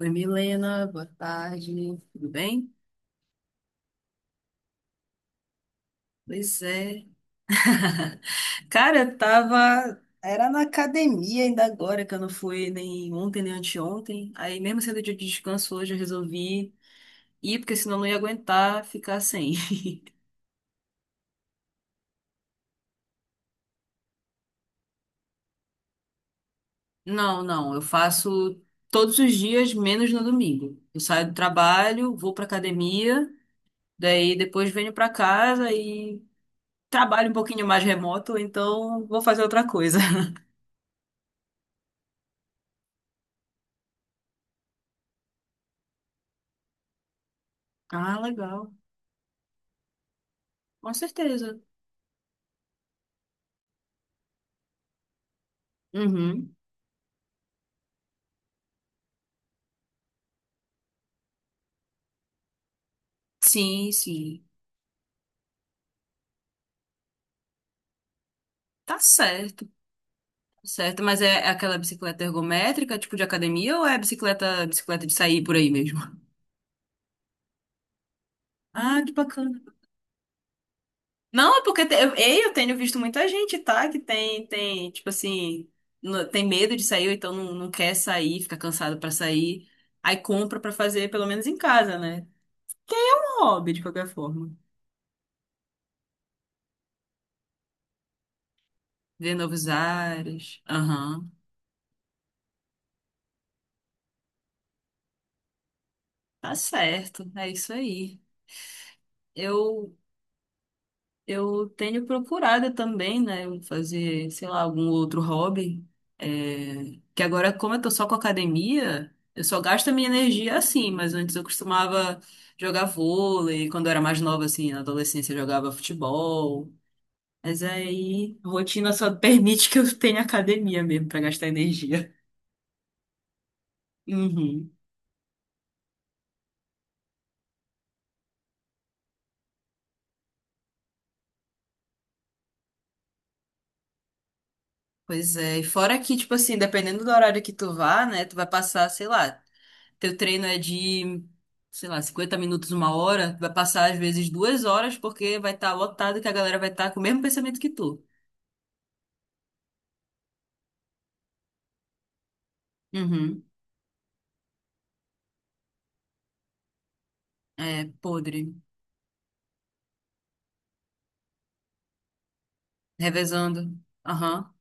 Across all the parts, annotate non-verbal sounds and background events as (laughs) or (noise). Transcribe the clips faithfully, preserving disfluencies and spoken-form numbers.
Oi, Milena, boa tarde, tudo bem? Pois é. (laughs) Cara, eu tava. Era na academia ainda agora, que eu não fui nem ontem nem anteontem. Aí, mesmo sendo dia de descanso hoje, eu resolvi ir, porque senão eu não ia aguentar ficar sem. (laughs) Não, não, eu faço todos os dias, menos no domingo. Eu saio do trabalho, vou pra academia, daí depois venho pra casa e trabalho um pouquinho mais remoto, então vou fazer outra coisa. (laughs) Ah, legal. Com certeza. Uhum. Sim, sim. Tá certo, tá certo. Mas é é aquela bicicleta ergométrica, tipo de academia, ou é bicicleta, bicicleta de sair por aí mesmo? (laughs) Ah, que bacana. Não, é porque te- eu, ei, eu tenho visto muita gente, tá? Que tem, tem, tipo assim, no- tem medo de sair, ou então não, não quer sair, fica cansado pra sair. Aí compra pra fazer, pelo menos em casa, né? É um hobby, de qualquer forma. Ver novos ares. Aham. Tá certo. É isso aí. Eu Eu tenho procurado também, né, fazer, sei lá, algum outro hobby. É, que agora, como eu tô só com academia, eu só gasto a minha energia assim, mas antes eu costumava jogar vôlei, quando eu era mais nova, assim, na adolescência eu jogava futebol. Mas aí, a rotina só (laughs) permite que eu tenha academia mesmo pra gastar energia. Uhum. Pois é, e fora que, tipo assim, dependendo do horário que tu vá, né, tu vai passar, sei lá, teu treino é de, sei lá, cinquenta minutos, uma hora, vai passar às vezes duas horas, porque vai estar lotado que a galera vai estar com o mesmo pensamento que tu. Uhum. É, podre. Revezando. Aham.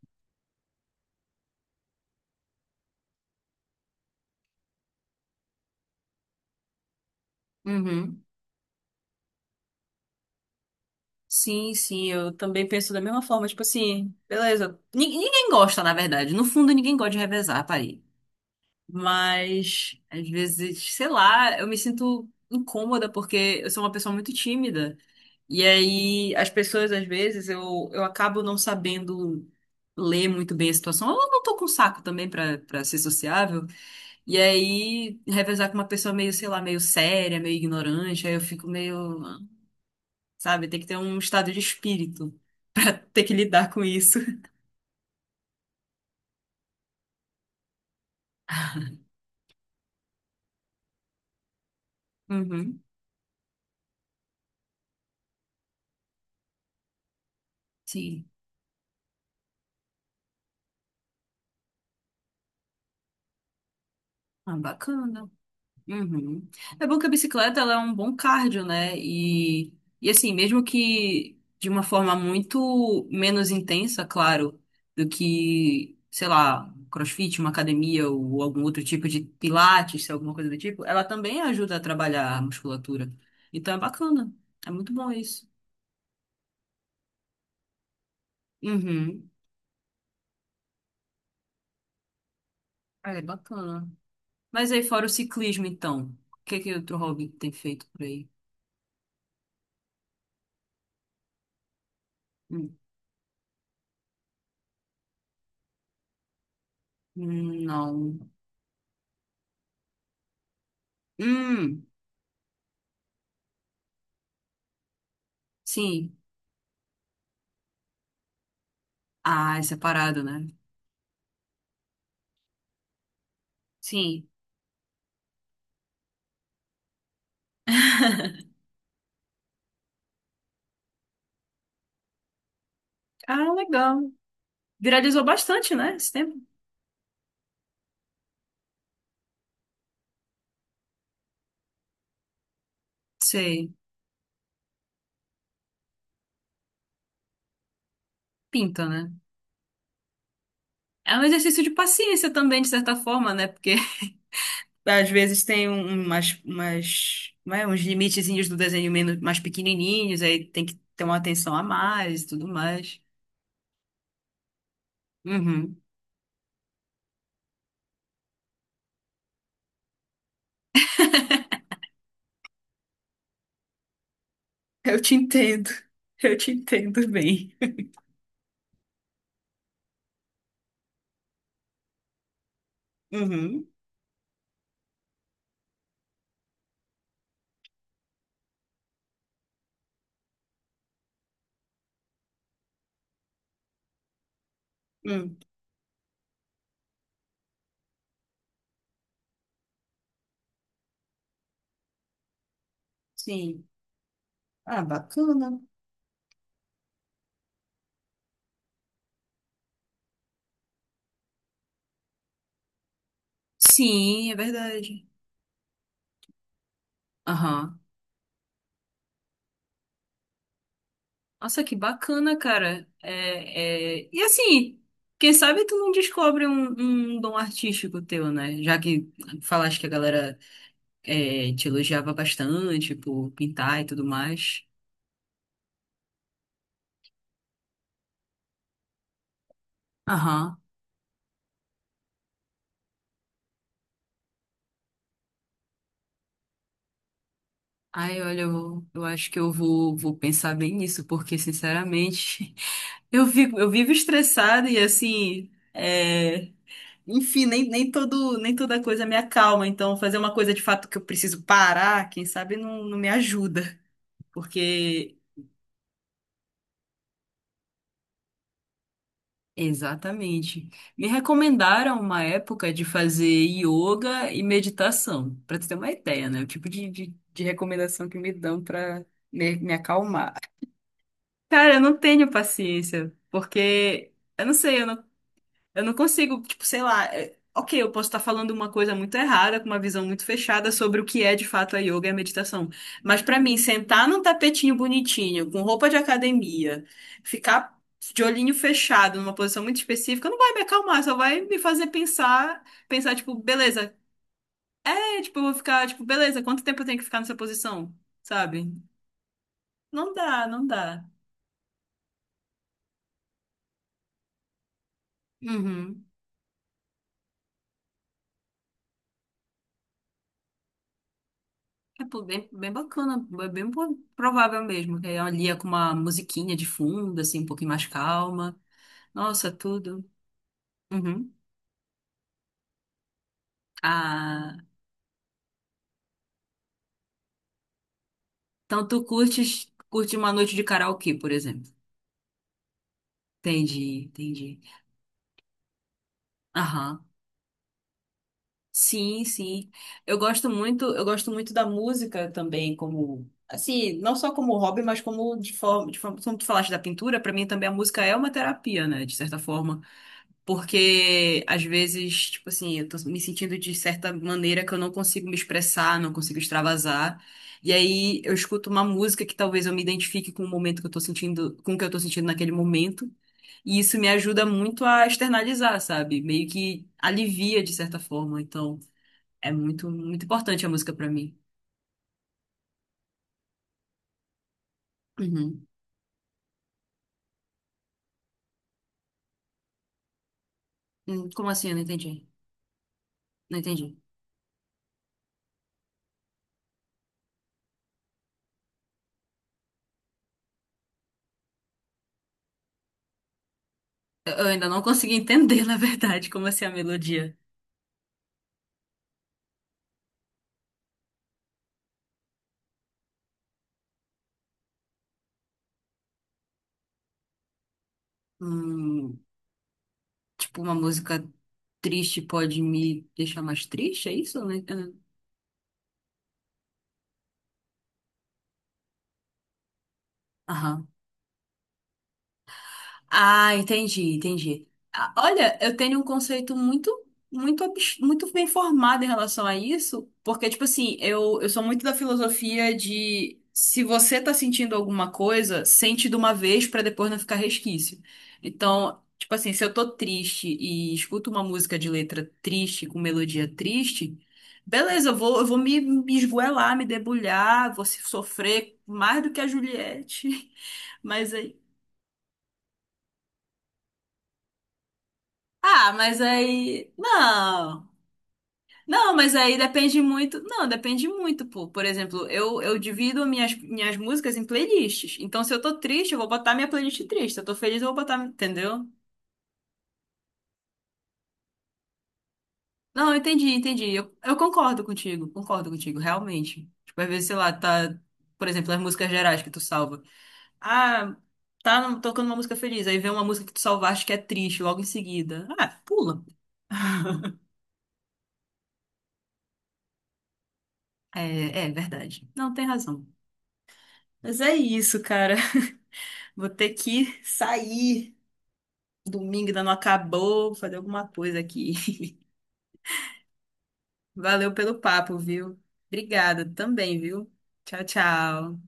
Uhum. Sim, sim, eu também penso da mesma forma. Tipo assim, beleza. Ni- Ninguém gosta, na verdade. No fundo, ninguém gosta de revezar, parei. Mas, às vezes, sei lá, eu me sinto incômoda porque eu sou uma pessoa muito tímida. E aí, as pessoas, às vezes, eu, eu acabo não sabendo ler muito bem a situação. Eu não tô com saco também pra para ser sociável. E aí, revezar com uma pessoa meio, sei lá, meio séria, meio ignorante, aí eu fico meio, sabe, tem que ter um estado de espírito, ter que lidar com isso. Uhum. Sim. Ah, bacana. Uhum. É bom que a bicicleta ela é um bom cardio, né? E, e assim, mesmo que de uma forma muito menos intensa, claro, do que, sei lá, CrossFit, uma academia ou algum outro tipo de pilates, se é alguma coisa do tipo, ela também ajuda a trabalhar a musculatura. Então é bacana. É muito bom isso. Uhum. É bacana. Mas aí, fora o ciclismo, então, o que que outro hobby tem feito por aí? Hum, hum, não. Hum, sim. Ah, é separado, né? Sim. Ah, legal. Viralizou bastante, né, esse tempo? Sei. Pinta, né? É um exercício de paciência também, de certa forma, né? Porque (laughs) às vezes tem um- umas, umas, como é, uns limitezinhos do desenho menos, mais pequenininhos, aí tem que ter uma atenção a mais e tudo mais. Uhum. Eu te entendo. Eu te entendo bem. Uhum. Hum. Sim. Ah, bacana. Sim, é verdade. Aham. Nossa, que bacana, cara. É, é... E assim, quem sabe tu não descobre um, um dom artístico teu, né? Já que falaste que a galera é, te elogiava bastante por pintar e tudo mais. Aham. Ai, olha, eu, eu acho que eu vou, vou pensar bem nisso, porque, sinceramente, (laughs) eu vivo, eu vivo estressada e, assim, é, enfim, nem, nem todo, nem toda coisa me acalma. Então, fazer uma coisa de fato que eu preciso parar, quem sabe não, não me ajuda. Porque, exatamente. Me recomendaram uma época de fazer yoga e meditação, para tu ter uma ideia, né? O tipo de, de, de recomendação que me dão para me, me acalmar. Cara, eu não tenho paciência, porque eu não sei, eu não Eu não consigo, tipo, sei lá. é- Ok, eu posso estar falando uma coisa muito errada, com uma visão muito fechada sobre o que é de fato a yoga e a meditação. Mas pra mim, sentar num tapetinho bonitinho, com roupa de academia, ficar de olhinho fechado numa posição muito específica, não vai me acalmar, só vai me fazer pensar, pensar, tipo, beleza. É, tipo, eu vou ficar, tipo, beleza, quanto tempo eu tenho que ficar nessa posição? Sabe? Não dá, não dá. Uhum. É, pô, bem, bem bacana, é bem po- provável mesmo, que ela lia com uma musiquinha de fundo, assim, um pouquinho mais calma. Nossa, tudo. Uhum. Ah, então tu curtes, curte uma noite de karaokê, por exemplo. Entendi, entendi. Aham. Sim, sim. Eu gosto muito, eu gosto muito da música também, como assim, não só como hobby, mas como de forma, de forma, como tu falaste da pintura, para mim também a música é uma terapia, né, de certa forma. Porque às vezes, tipo assim, eu tô me sentindo de certa maneira que eu não consigo me expressar, não consigo extravasar. E aí eu escuto uma música que talvez eu me identifique com o momento que eu tô sentindo, com o que eu tô sentindo naquele momento. E isso me ajuda muito a externalizar, sabe? Meio que alivia de certa forma. Então, é muito, muito importante a música pra mim. Uhum. Hum, como assim? Eu não entendi. Não entendi. Eu eu ainda não consegui entender, (laughs) na verdade, como assim a melodia. Hum. Tipo, uma música triste pode me deixar mais triste, é isso, né? Ah, aham. Ah, entendi, entendi. Ah, olha, eu tenho um conceito muito, muito, abs- muito bem formado em relação a isso, porque, tipo assim, eu, eu sou muito da filosofia de se você tá sentindo alguma coisa, sente de uma vez pra depois não ficar resquício. Então, tipo assim, se eu tô triste e escuto uma música de letra triste, com melodia triste, beleza, eu vou, eu vou me, me esgoelar, me debulhar, vou se- sofrer mais do que a Juliette. (laughs) Mas aí. Ah, mas aí. Não. Não, mas aí depende muito. Não, depende muito, pô. Por exemplo, eu, eu divido minhas, minhas músicas em playlists. Então, se eu tô triste, eu vou botar minha playlist triste. Se eu tô feliz, eu vou botar. Entendeu? Não, eu entendi, entendi. Eu, eu concordo contigo, concordo contigo, realmente. Tipo, às vezes, sei lá, tá. Por exemplo, as músicas gerais que tu salva. Ah, tá no- tocando uma música feliz. Aí vem uma música que tu salvaste que é triste logo em seguida. Ah, pula. (laughs) É, é verdade. Não, tem razão. Mas é isso, cara. (laughs) Vou ter que sair. Domingo ainda não acabou, vou fazer alguma coisa aqui. (laughs) Valeu pelo papo, viu? Obrigada também, viu? Tchau, tchau.